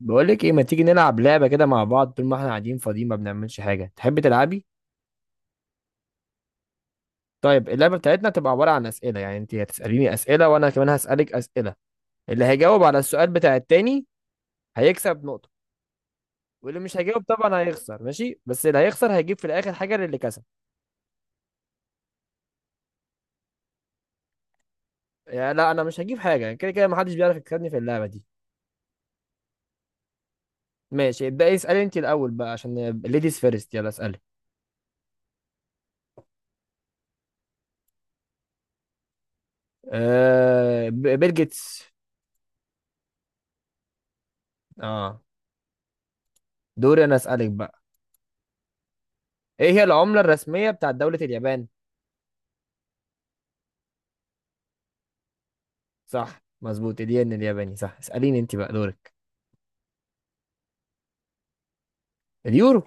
بقولك ايه، ما تيجي نلعب لعبة كده مع بعض طول ما احنا قاعدين فاضيين، ما بنعملش حاجة؟ تحبي تلعبي؟ طيب، اللعبة بتاعتنا تبقى عبارة عن أسئلة. يعني انت هتسأليني أسئلة وانا كمان هسألك أسئلة. اللي هيجاوب على السؤال بتاع التاني هيكسب نقطة، واللي مش هيجاوب طبعا هيخسر. ماشي، بس اللي هيخسر هيجيب في الآخر حاجة للي كسب. يعني لا، انا مش هجيب حاجة، كده كده محدش بيعرف يكسبني في اللعبة دي. ماشي، ابدأي اسألي انت الأول بقى عشان ليديز فيرست، يلا اسألي. آه، بيل جيتس. اه، دوري انا اسألك بقى. ايه هي العملة الرسمية بتاعت دولة اليابان؟ صح مظبوط، الين الياباني. صح، اسأليني انت بقى، دورك. اليورو.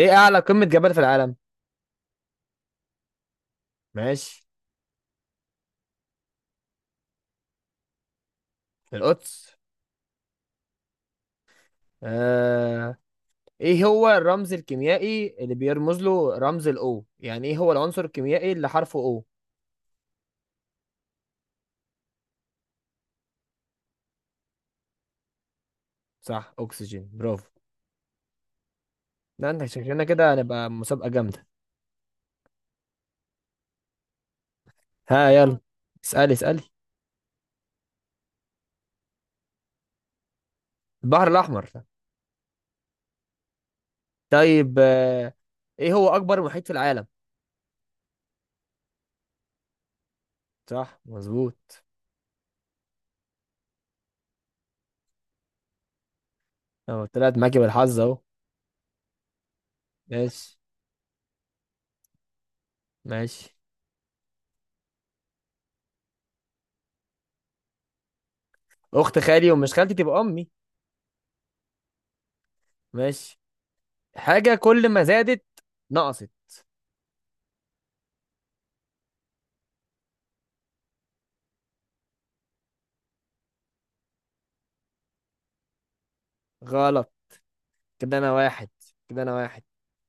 ايه اعلى قمة جبل في العالم؟ ماشي. القدس. آه... ايه هو الرمز الكيميائي اللي بيرمز له رمز الاو؟ يعني ايه هو العنصر الكيميائي اللي حرفه او؟ صح، اكسجين، برافو. لا، انت شكلنا كده هنبقى مسابقة جامدة. ها، يلا اسألي اسألي. البحر الاحمر. طيب ايه هو اكبر محيط في العالم؟ صح مظبوط. اهو طلعت معاكي بالحظ اهو. ماشي ماشي. اخت خالي ومش خالتي تبقى امي. ماشي. حاجه كل ما زادت نقصت. غلط. كده انا واحد. كده انا واحد.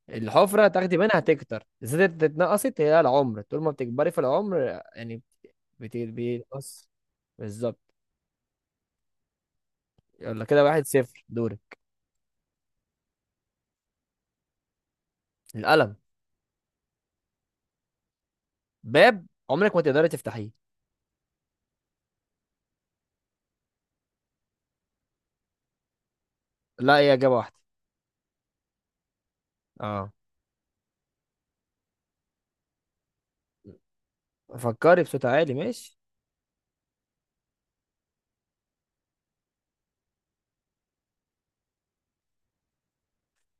الحفره تاخدي منها تكتر، زادت اتنقصت، هي العمر، طول ما بتكبري في العمر. يعني بينقص. بالظبط. يلا، كده 1-0، دوري. القلم. باب عمرك ما تقدري تفتحيه. لا، هي اجابه واحده. اه. فكري بصوت عالي، ماشي.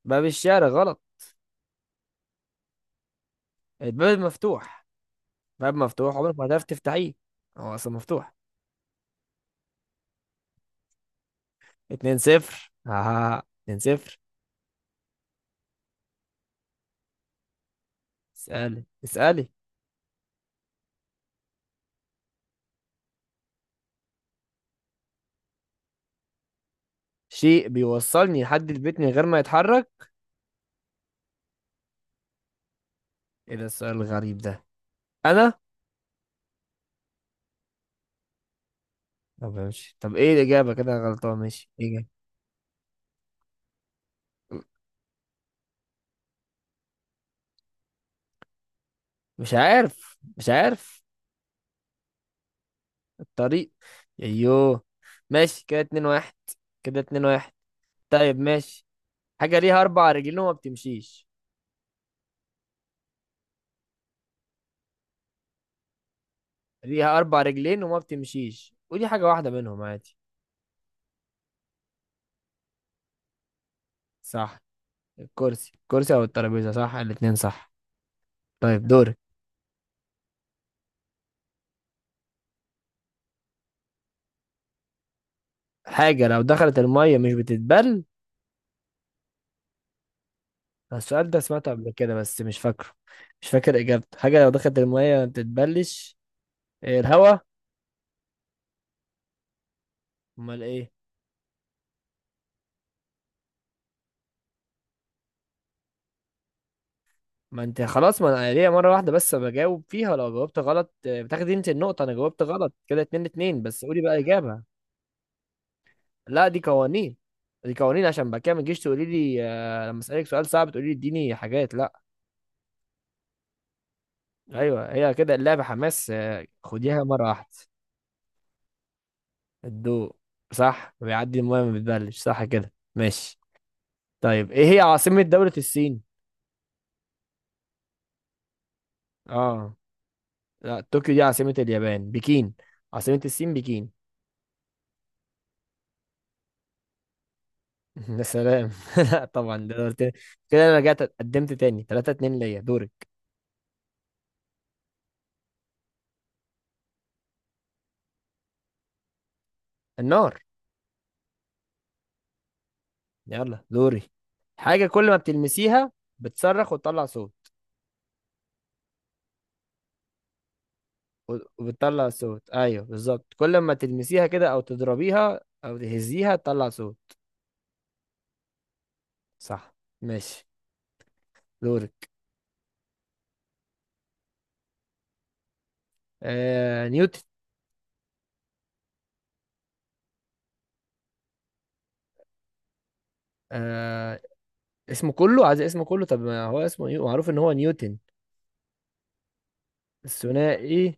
باب الشارع غلط. الباب مفتوح، باب مفتوح عمرك ما هتعرف تفتحيه، هو اصلا مفتوح. اتنين صفر، ها، 2-0. اسألي اسألي. شيء بيوصلني لحد البيت من غير ما يتحرك؟ ايه ده السؤال الغريب ده؟ انا؟ طب ماشي، طب ايه الإجابة؟ كده أنا غلطان، ماشي، ايه الإجابة؟ مش عارف، مش عارف. الطريق. ايوه. ماشي، كده 2-1، كده 2-1. طيب، ماشي. حاجة ليها أربع رجلين وما بتمشيش. ليها أربع رجلين وما بتمشيش، ودي حاجة واحدة منهم عادي. صح. الكرسي أو الترابيزة، صح، الاتنين صح. طيب، دورك. حاجة لو دخلت المية مش بتتبل. السؤال ده سمعته قبل كده بس مش فاكره. مش فاكر إجابته، حاجة لو دخلت المية ما بتتبلش. إيه، الهوا. أمال إيه؟ ما أنت خلاص، ما أنا ليا مرة واحدة بس بجاوب فيها، لو جاوبت غلط بتاخدي أنت النقطة. أنا جاوبت غلط، كده 2-2. بس قولي بقى إجابة. لا، دي قوانين، دي قوانين عشان بعد كده ما تجيش تقولي لي لما أسألك سؤال صعب تقولي لي اديني حاجات. لا، أيوه، هي كده اللعبة حماس، خديها مرة واحدة. الضوء. صح، بيعدي المية ما بتبلش، صح، كده ماشي. طيب، ايه هي عاصمة دولة الصين؟ اه. لا، طوكيو دي عاصمة اليابان، بكين. عاصمة الصين بكين. يا سلام لا طبعا، ده دور تاني. كده انا رجعت قدمت تاني، 3-2 ليا، دورك. النار. يلا، دوري. حاجة كل ما بتلمسيها بتصرخ وتطلع صوت. وبتطلع صوت، ايوه بالظبط، كل ما تلمسيها كده او تضربيها او تهزيها تطلع صوت. صح، ماشي، دورك. آه، نيوتن. آه، اسمه كله، عايز اسمه كله، طب ما هو اسمه معروف ان هو نيوتن. الثنائي.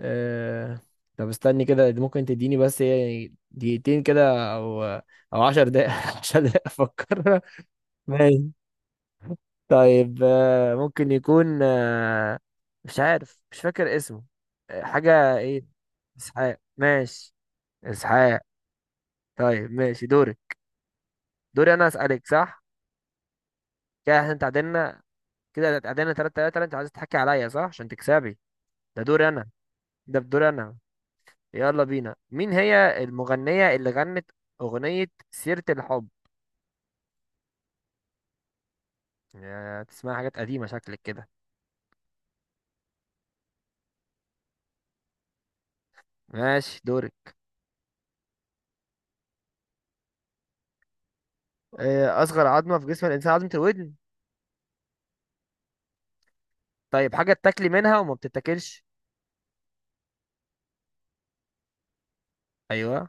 آه... طب استني كده، دي ممكن تديني بس يعني دقيقتين كده، او 10 دقايق 10 دقايق افكر. ماشي. طيب ممكن يكون مش عارف، مش فاكر اسمه. حاجة ايه؟ اسحاق، ماشي، اسحاق. طيب، ماشي، دوري انا اسألك، صح، كده احنا تعادلنا، كده تعادلنا 3-3. انت عايز تحكي عليا صح عشان تكسبي؟ ده دوري انا، ده بدوري انا. يلا بينا، مين هي المغنية اللي غنت أغنية سيرة الحب؟ يا تسمع حاجات قديمة شكلك كده. ماشي، دورك. آه، أصغر عظمة في جسم الإنسان عظمة الودن. طيب، حاجة بتاكلي منها وما بتتاكلش. أيوه.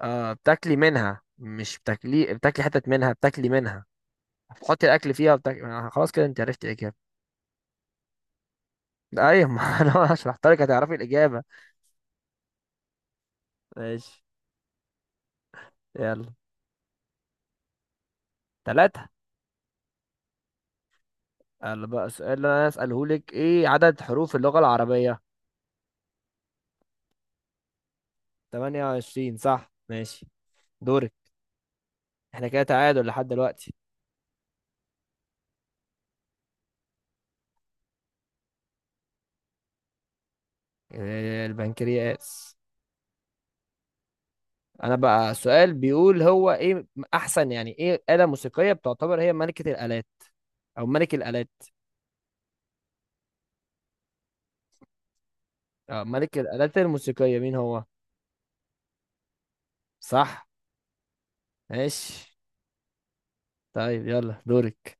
آه، بتاكلي منها، مش بتاكلي، بتاكلي حتت منها، بتاكلي منها، بتحطي الأكل فيها وبتاكلي. خلاص كده أنت عرفت الإجابة. أيوه، ما أنا شرحت لك هتعرفي الإجابة. ماشي. يلا، تلاتة. يلا بقى، السؤال اللي أنا أسأله لك، إيه عدد حروف اللغة العربية؟ 28. صح، ماشي، دورك. احنا كده تعادل لحد دلوقتي. آه، البنكرياس. انا بقى السؤال بيقول هو ايه، احسن. يعني ايه آلة موسيقية بتعتبر هي ملكة الآلات او ملك الآلات؟ اه، ملك الآلات الموسيقية مين هو؟ صح. ماشي، طيب، يلا دورك.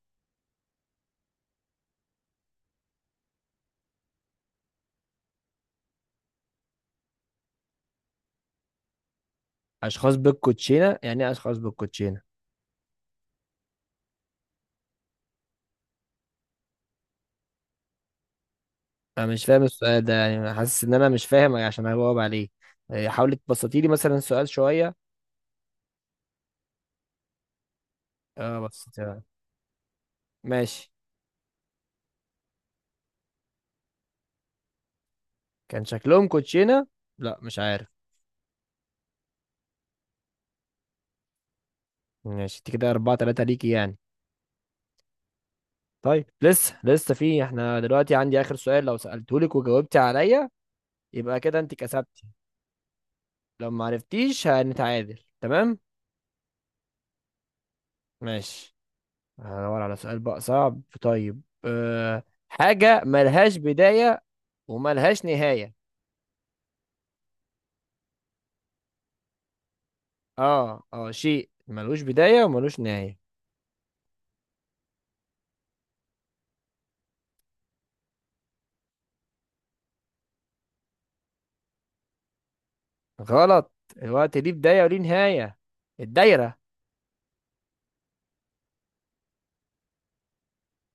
اشخاص بالكوتشينة؟ يعني ايه اشخاص بالكوتشينة؟ انا مش فاهم السؤال ده، يعني أنا حاسس ان انا مش فاهم عشان هجاوب عليه. حاولي تبسطيلي مثلا السؤال شوية. اه، بسطيها. ماشي. كان شكلهم كوتشينة. لا، مش عارف. ماشي، انت كده 4-3 ليكي يعني. طيب، لسه لسه في احنا دلوقتي عندي آخر سؤال، لو سألتهولك وجاوبتي عليا يبقى كده انت كسبتي. لو ما عرفتيش هنتعادل، تمام؟ ماشي. هدور على سؤال بقى صعب. طيب، حاجة ملهاش بداية وملهاش نهاية. اه اه، شيء ملوش بداية وملوش نهاية. غلط. الوقت ليه بداية وليه نهاية. الدايرة.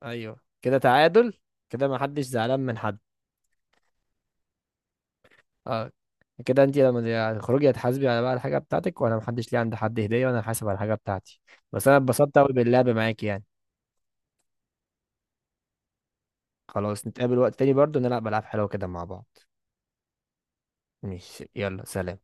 ايوه. كده تعادل، كده ما حدش زعلان من حد. اه، كده انت لما تخرجي هتحاسبي على بقى الحاجه بتاعتك، وانا ما حدش ليه عند حد هديه، وانا حاسب على الحاجه بتاعتي. بس انا اتبسطت قوي باللعب معاكي يعني. خلاص، نتقابل وقت تاني برضو نلعب العاب حلوه كده مع بعض. ماشي، يلا سلام.